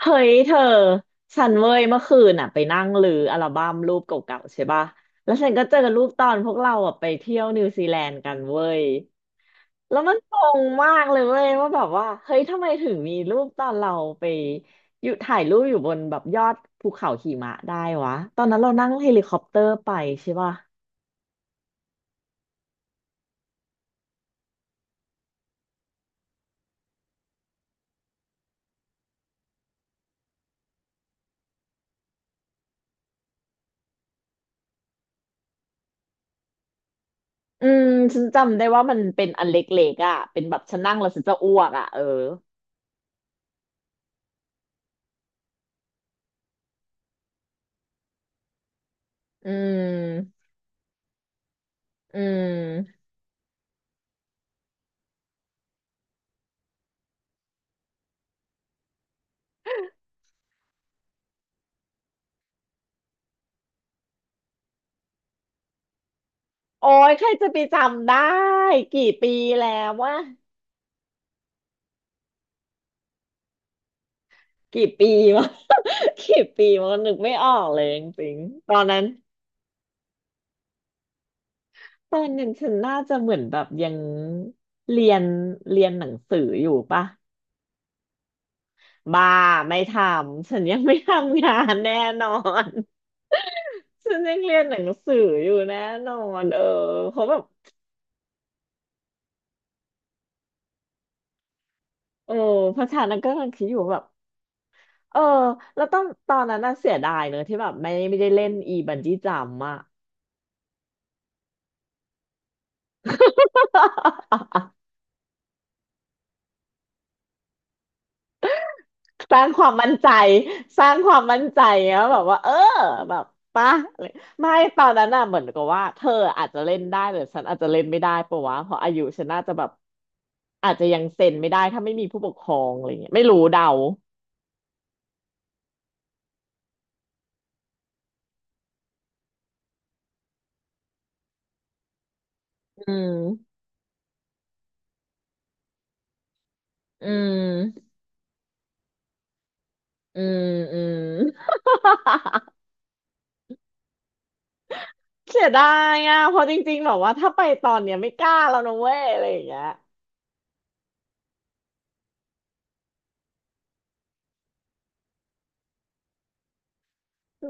เฮ้ยเธอฉันเว้ยเมื่อคืนอ่ะไปนั่งรื้ออัลบั้มรูปเก่าๆใช่ปะแล้วฉันก็เจอรูปตอนพวกเราอ่ะไปเที่ยวนิวซีแลนด์กันเว้ยแล้วมันงงมากเลยเว้ยว่าแบบว่าเฮ้ยทำไมถึงมีรูปตอนเราไปอยู่ถ่ายรูปอยู่บนแบบยอดภูเขาหิมะได้วะตอนนั้นเรานั่งเฮลิคอปเตอร์ไปใช่ปะอืมฉันจำได้ว่ามันเป็นอันเล็กๆอ่ะเป็นแบบฉันนั่งแล้วฉันจะอ้วกอ่ะเอออืมอืม โอ้ยใครจะไปจำได้กี่ปีแล้วว่ากี่ปีวะ กี่ปีวะนึกไม่ออกเลยจริงๆตอนนั้นตอนนั้นฉันน่าจะเหมือนแบบยังเรียนเรียนหนังสืออยู่ปะบ้าไม่ทำฉันยังไม่ทำงานแน่นอน ฉันยังเรียนหนังสืออยู่แน่นอนเออเขาะแบบเออเพราะฉะนั้นก็กำลังคิดอยู่ว่าแบบเออแล้วตอนนั้นน่ะเสียดายเนอะที่แบบไม่ได้เล่นอีบันจี้จัมป์อะ สร้างความมั่นใจสร้างความมั่นใจแล้วแบบว่าเออแบบป่ะอะไรไม่ตอนนั้นน่ะเหมือนกับว่าเธออาจจะเล่นได้แต่ฉันอาจจะเล่นไม่ได้ปะวะเพราะอายุฉันน่าจะแบบอาจจะยังเซ็นไม่ได้ถ้าไม่มีผู้ปกครองอะไรเงี้ยไม่รู้เดาอืมอืมอืมอืม เสียดายอ่ะเพราะจริงๆแบบว่าถ้าไปตอนเนี้ยไม่กล้าแล้วนะเว้ยอะไรอย่างเงี้ย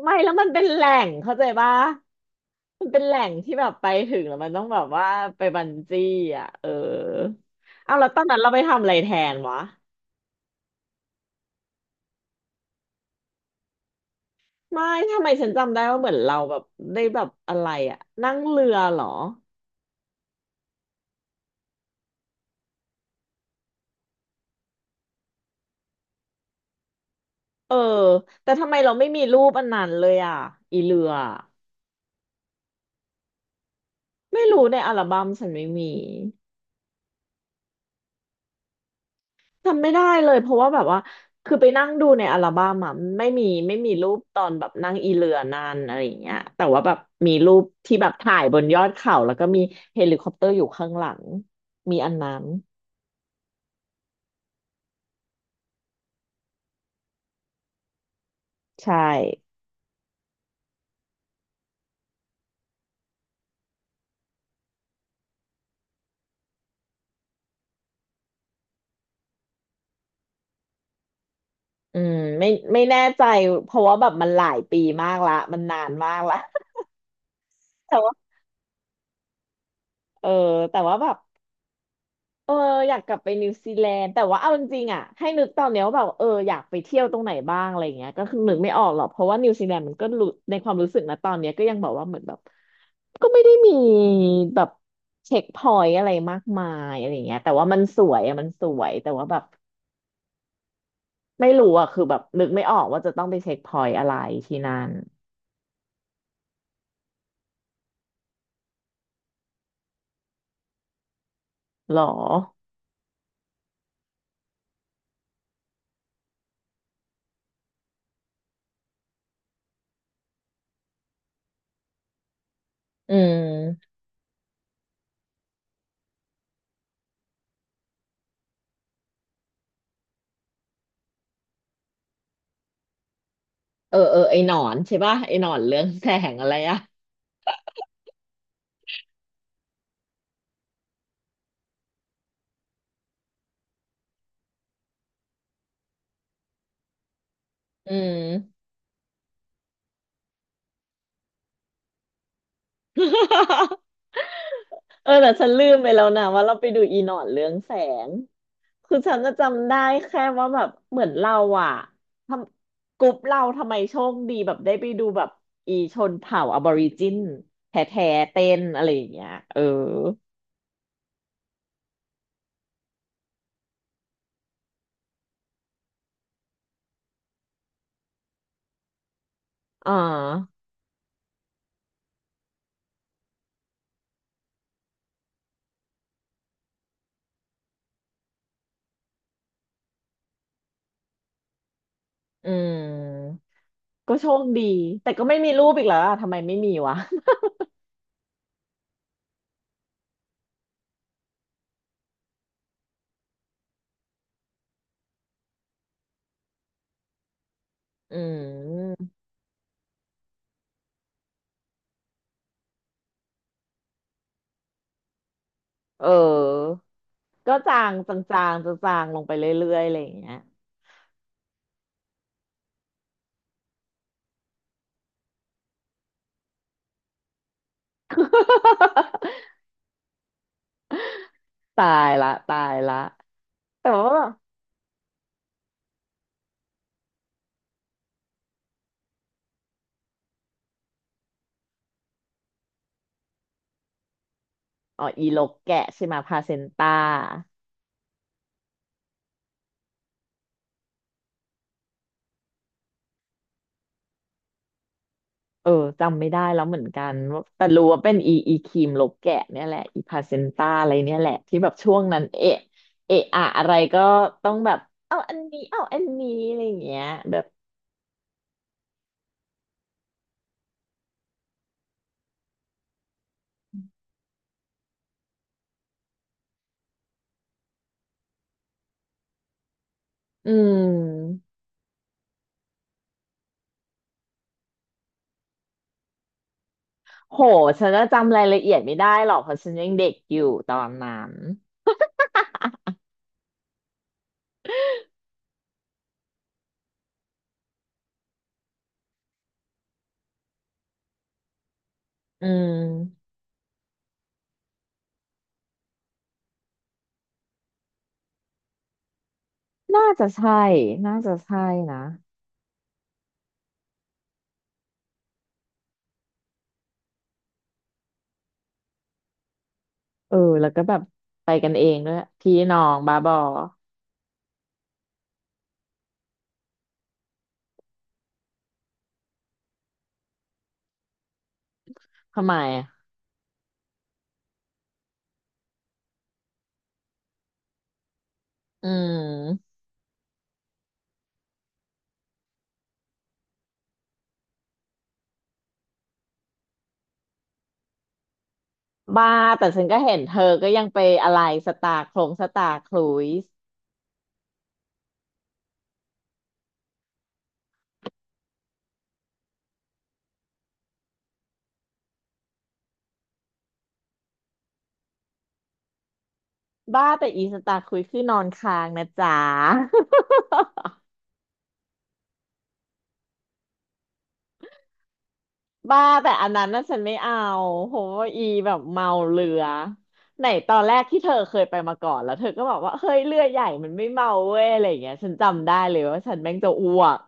ไม่แล้วมันเป็นแหล่งเข้าใจปะ มันเป็นแหล่งที่แบบไปถึงแล้วมันต้องแบบว่าไปบันจี้อ่ะเออเอาแล้วตอนนั้นเราไปทำอะไรแทนวะไม่ทำไมฉันจำได้ว่าเหมือนเราแบบได้แบบอะไรอ่ะนั่งเรือเหรอเออแต่ทำไมเราไม่มีรูปอันนั้นเลยอ่ะอีเรือไม่รู้ในอัลบั้มฉันไม่มี จำไม่ได้เลยเพราะว่าแบบว่าคือไปนั่งดูในอัลบั้มอะไม่มีรูปตอนแบบนั่งอีเรือนานอะไรอย่างเงี้ยแต่ว่าแบบมีรูปที่แบบถ่ายบนยอดเขาแล้วก็มีเฮลิคอปเตอร์อยู่ข้างหลังมีอันนั้นใช่อืมไม่แน่ใจเพราะว่าแบบมันหลายปีมากละมันนานมากละ แต่ว่าเออแต่ว่าแบบ เอออยากกลับไปนิวซีแลนด์แต่ว่าเอาจริงๆอ่ะให้นึกตอนเนี้ยว่าแบบเอออยากไปเที่ยวตรงไหนบ้างอะไรเงี้ยก็คือนึกไม่ออกหรอกเพราะว่านิวซีแลนด์มันก็รู้ในความรู้สึกนะตอนเนี้ยก็ยังแบบว่าเหมือนแบบก็ไม่ได้มีแบบเช็คพอยต์อะไรมากมายอะไรเงี้ยแต่ว่ามันสวยอะมันสวยแต่ว่าแบบไม่รู้อ่ะคือแบบนึกไม่ออกว่าจะต้องไปเช็คพอยต์อะไรที่นั่นหรออืมเออเออไอหนอนใช่ป่ะไอหนอนเรื่องแสงอะไรอ่ะอืม เออแต่ฉันลืมไปแล้วนะว่าเราไปดูอีหนอนเรื่องแสงคือฉันจะจำได้แค่ว่าแบบเหมือนเราอ่ะทำกลุ่มเราทำไมโชคดีแบบได้ไปดูแบบอีชนเผ่าอะบอริจินแท้แท้เต้นอะไรอย่างเงี้ยเอออ่าอืมก็โชคดีแต่ก็ไม่มีรูปอีกแล้วอะทำไมไม่มีวะ อืมเออก็จางจางๆจางๆลงไปเรื่อยๆอะไรอย่างเงี้ย ตายละตายละแต่ว่า อ๋ออีลกแกะใช่ไหมพาเซนต้าเออจำไม่ได้แล้วเหมือนกันว่าแต่รู้ว่าเป็นอีครีมลกแกะเนี่ยแหละอีพาเซนต้าอะไรเนี่ยแหละที่แบบช่วงนั้นเอะเอะอะอะไรก็ต้องแบบเอาอันนี้เอาอันนี้อะไรอย่างเงี้ยแบบอืมโหฉันจะจำรายละเอียดไม่ได้หรอกเพราะฉันยังเด็กอยู่ตอนนั้นอืมน่าจะใช่น่าจะใช่นะเออแล้วก็แบบไปกันเองด้วยพี่น้องบาบอทำไมอะอืม บ้าแต่ฉันก็เห็นเธอก็ยังไปอะไรสตาร์โครงสตาร์ครุยส์บ้าแต่อีสตาร์ครุยส์คือนอนค้างนะจ๊ะ บ้าแต่อันนั้นน่ะฉันไม่เอาโหอีแบบเมาเรือไหนตอนแรกที่เธอเคยไปมาก่อนแล้วเธอก็บอกว่าเฮ้ยเรือใหญ่มันไม่เมาเว้ยอะไรอย่างเงี้ยฉันจำได้เลยว่าฉันแม่งจะอ้วก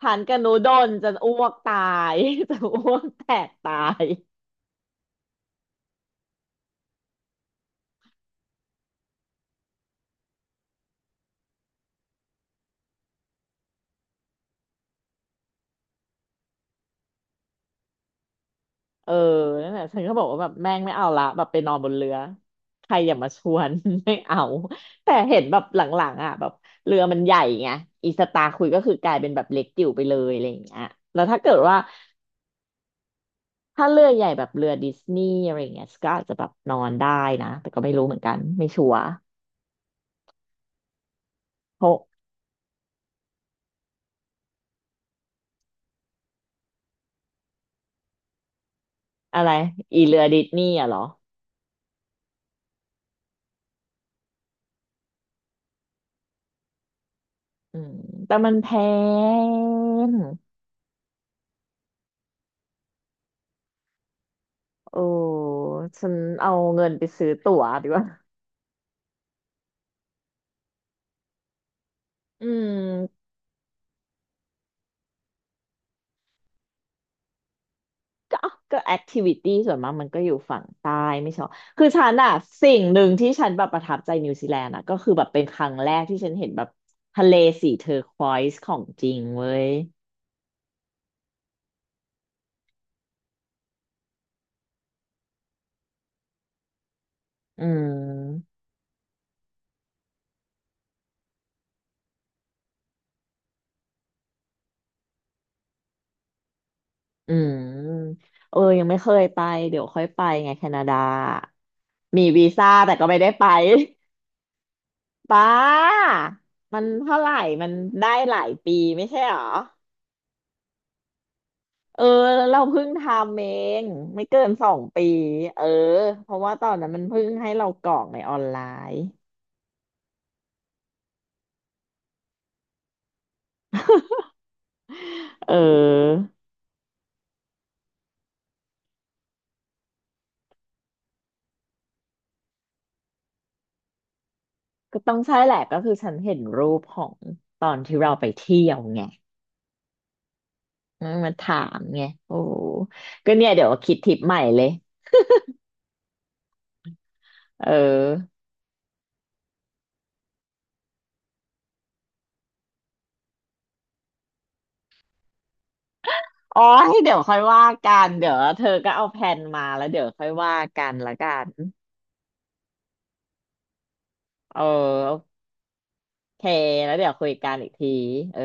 ทานกระนูดนจะอ้วกตาย จะอ้วกแตกตาย เออนั่นแหละฉันก็บอกว่าแบบแม่งไม่เอาละแบบไปนอนบนเรือ ใครอย่ามาชวน ไม่เอา แต่เห็นแบบหลังๆอ่ะแบบเรือมันใหญ่ไงอีสตาร์คุยก็คือกลายเป็นแบบเล็กจิ๋วไปเลยอะไรอย่างเงี้ยแล้วถ้าเกิดว่าถ้าเรือใหญ่แบบเรือดิสนีย์อะไรอย่างเงี้ยก็อาจจะแบบนอนได้นะ แต่ก็ไม่รู้เหมือนกัน ไม่ชัวร์เพราะอะไรอีเรือดิสนีย์อะเหรออืมแต่มันแพงโอ้ฉันเอาเงินไปซื้อตั๋วดีกว่าอืม ก็ก็แอคทิวิตี้ส่วนมากมันก็อยู่ฝั่งใต้ไม่ใช่หรอคือฉันอะสิ่งหนึ่งที่ฉันแบบประทับใจนิวซีแลนด์อะก็คือแบบเป็นครั้งแรกที่ฉันเห็นแบบทะเลสีเทอร์ควอยซ์ของจริงเว้ย อืมอืมเออยังไม่เคยไปเดี๋ยวค่อยไปไงแคนาดา มีวีซ่าแต่ก็ไม่ได้ไป ป้ามันเท่าไหร่มันได้หลายปีไม่ใช่หรอ เออเราเพิ่งทำเองไม่เกินสองปีเออเพราะว่าตอนนั้นมันเพิ่งให้เรากรอกในออนไลน์เออก็ต้องใช่แหละก็คือฉันเห็นรูปของตอนที่เราไปเที่ยวไงมันมาถามไงโอ้ก็เนี่ยเดี๋ยวคิดทริปใหม่เลยเอออ๋อให้เดี๋ยวค่อยว่ากันเดี๋ยวเธอก็เอาแผนมาแล้วเดี๋ยวค่อยว่ากันละกันเออโอเคแล้วเดี๋ยวคุยกันอีกทีเออ